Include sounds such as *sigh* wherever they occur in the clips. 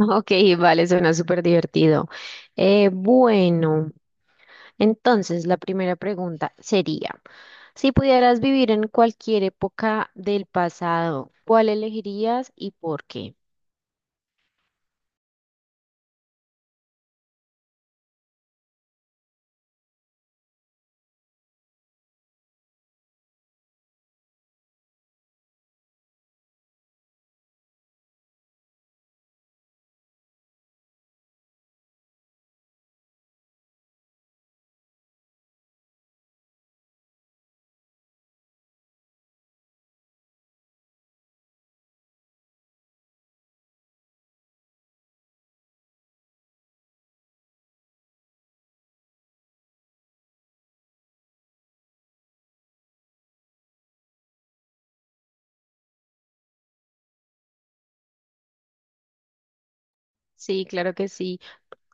Ok, vale, suena súper divertido. Eh, bueno, entonces la primera pregunta sería, si pudieras vivir en cualquier época del pasado, ¿cuál elegirías y por qué? Sí, claro que sí.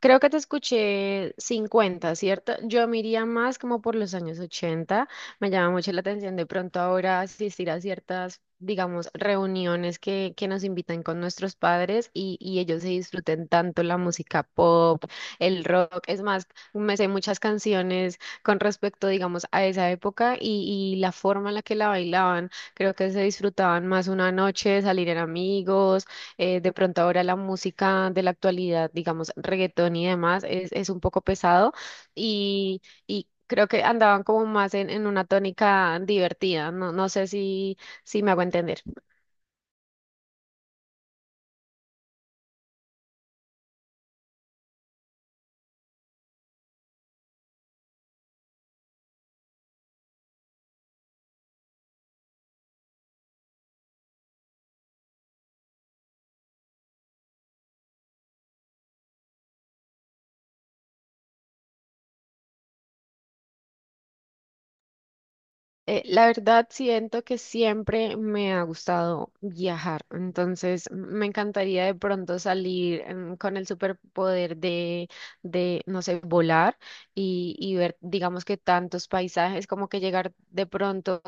Creo que te escuché 50, ¿cierto? Yo me iría más como por los años 80. Me llama mucho la atención de pronto ahora asistir a ciertas, digamos, reuniones que nos invitan con nuestros padres y ellos se disfruten tanto la música pop, el rock. Es más, me sé muchas canciones con respecto, digamos, a esa época y la forma en la que la bailaban. Creo que se disfrutaban más una noche, salir en amigos de pronto ahora la música de la actualidad, digamos, reggaetón y demás, es un poco pesado y creo que andaban como más en una tónica divertida. No, no sé si, si me hago entender. La verdad siento que siempre me ha gustado viajar, entonces me encantaría de pronto salir con el superpoder de, no sé, volar y ver, digamos que tantos paisajes, como que llegar de pronto,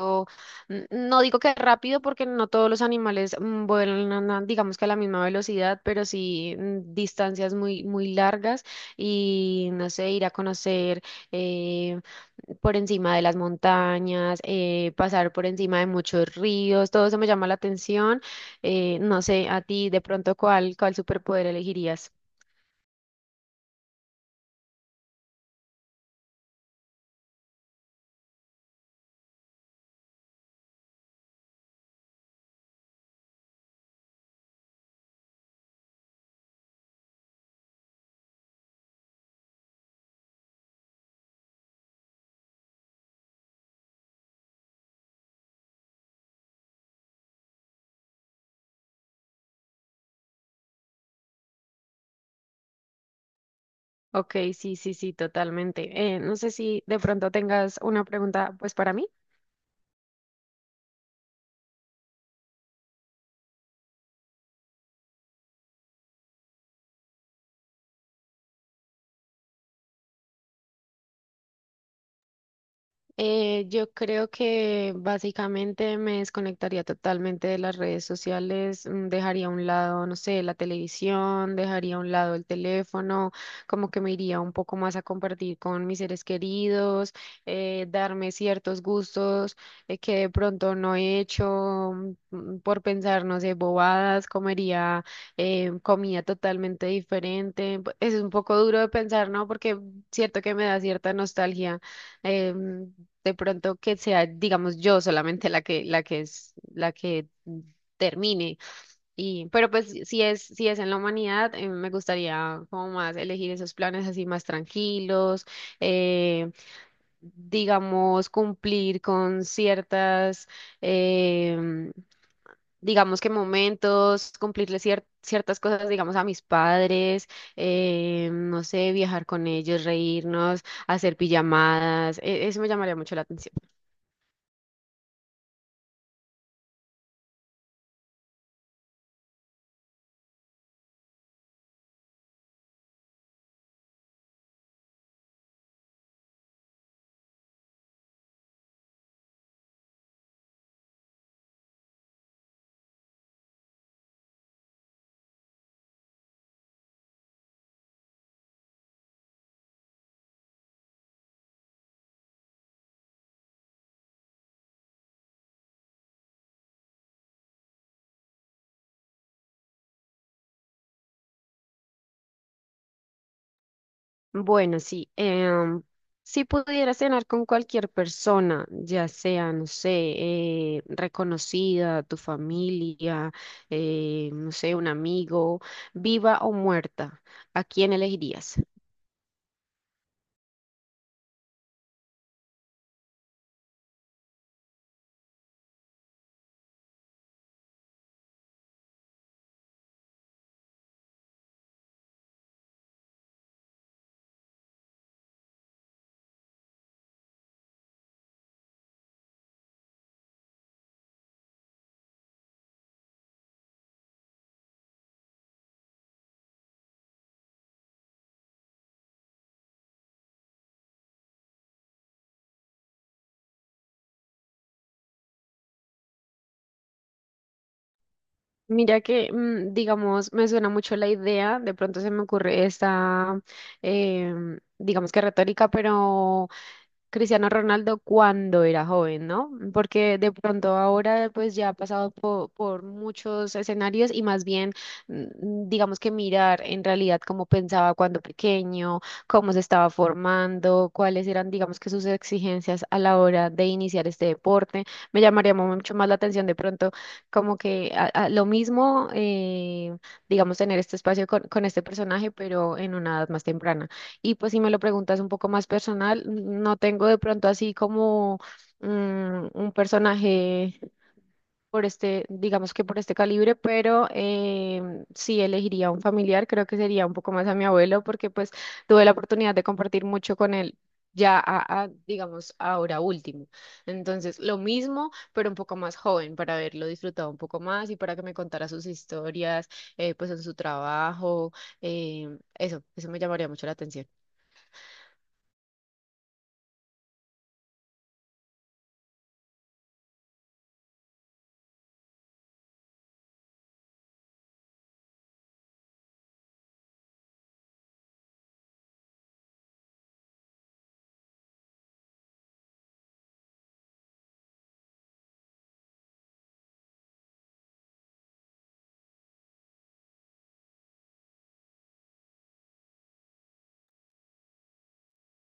no digo que rápido porque no todos los animales vuelan, digamos que a la misma velocidad, pero sí distancias muy, muy largas y, no sé, ir a conocer. eh, por encima de las montañas, pasar por encima de muchos ríos, todo eso me llama la atención. No sé, a ti de pronto cuál superpoder elegirías. Ok, sí, sí, sí, totalmente. No sé si de pronto tengas una pregunta pues para mí. Yo creo que básicamente me desconectaría totalmente de las redes sociales, dejaría a un lado, no sé, la televisión, dejaría a un lado el teléfono, como que me iría un poco más a compartir con mis seres queridos, darme ciertos gustos que de pronto no he hecho por pensar, no sé, bobadas, comería comida totalmente diferente. Es un poco duro de pensar, ¿no? Porque cierto que me da cierta nostalgia. em, de pronto que sea, digamos, yo solamente la que termine. Y, pero pues si es en la humanidad, me gustaría como más elegir esos planes así más tranquilos, eh, digamos, cumplir con em, digamos que momentos, cumplirle ciertas cosas, digamos, a mis padres, no sé, viajar con ellos, reírnos, hacer pijamadas, eso me llamaría mucho la atención. Bueno, sí. Si pudiera cenar con cualquier persona, ya sea, no sé, reconocida, tu familia, no sé, un amigo, viva o muerta, ¿a quién elegirías? Mira que, digamos, me suena mucho la idea, de pronto se me ocurre esta, digamos que retórica, pero Cristiano Ronaldo cuando era joven, ¿no? Porque de pronto ahora pues ya ha pasado por muchos escenarios y más bien digamos que mirar en realidad cómo pensaba cuando pequeño, cómo se estaba formando, cuáles eran digamos que sus exigencias a la hora de iniciar este deporte. Me llamaría mucho más la atención de pronto como que a lo mismo digamos tener este espacio con este personaje pero en una edad más temprana. Y pues si me lo preguntas un poco más personal, no tengo de pronto así como un personaje por este, digamos que por este calibre, pero sí elegiría un familiar, creo que sería un poco más a mi abuelo, porque pues tuve la oportunidad de compartir mucho con él. Ya digamos, ahora último. Entonces, lo mismo, pero un poco más joven, para haberlo disfrutado un poco más y para que me contara sus historias, pues en su trabajo, eso me llamaría mucho la atención.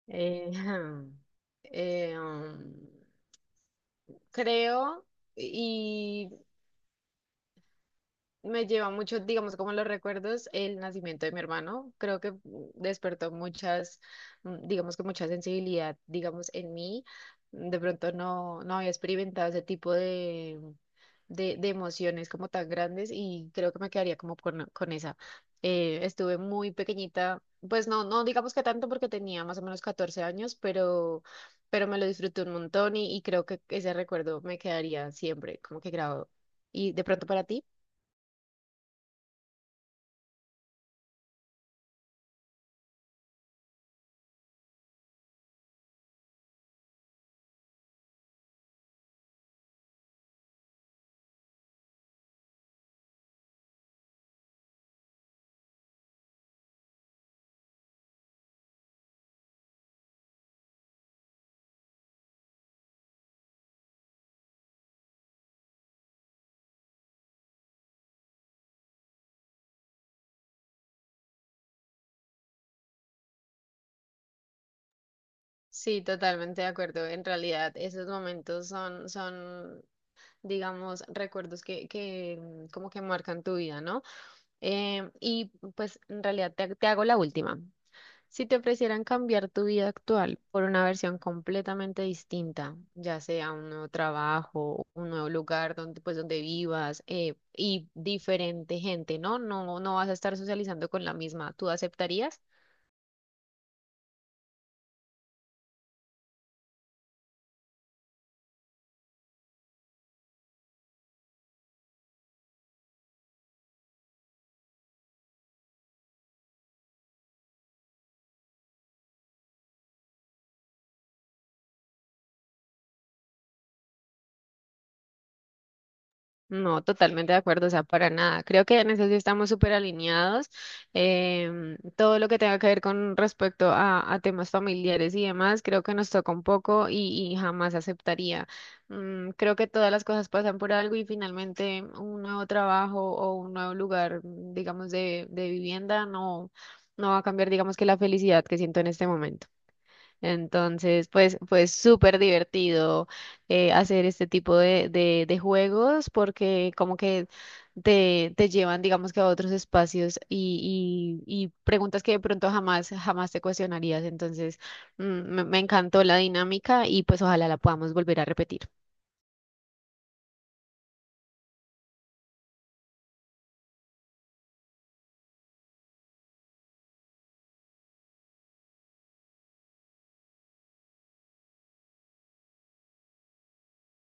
Eh, *laughs* *clears throat* eh, um, creo, y me lleva mucho, digamos, como los recuerdos, el nacimiento de mi hermano. Creo que despertó digamos que mucha sensibilidad, digamos, en mí. De pronto no, no había experimentado ese tipo de emociones como tan grandes y creo que me quedaría como con esa. Estuve muy pequeñita, pues no, no digamos que tanto porque tenía más o menos 14 años, pero me lo disfruté un montón y creo que ese recuerdo me quedaría siempre como que grabado. ¿Y de pronto para ti? Sí, totalmente de acuerdo. En realidad, esos momentos digamos, recuerdos que, como que marcan tu vida, ¿no? Y pues en realidad te hago la última. Si te ofrecieran cambiar tu vida actual por una versión completamente distinta, ya sea un nuevo trabajo, un nuevo lugar donde, pues, donde vivas y diferente gente, ¿no? No, no vas a estar socializando con la misma, ¿tú aceptarías? No, totalmente de acuerdo, o sea, para nada. Creo que en eso sí estamos súper alineados. Todo lo que tenga que ver con respecto a temas familiares y demás, creo que nos toca un poco y jamás aceptaría. Creo que todas las cosas pasan por algo y finalmente un nuevo trabajo o un nuevo lugar, digamos, de vivienda no, no va a cambiar, digamos, que la felicidad que siento en este momento. Entonces, pues, pues súper divertido hacer este tipo de juegos porque como que te llevan, digamos que a otros espacios y preguntas que de pronto jamás, jamás te cuestionarías. Entonces, me encantó la dinámica y pues ojalá la podamos volver a repetir.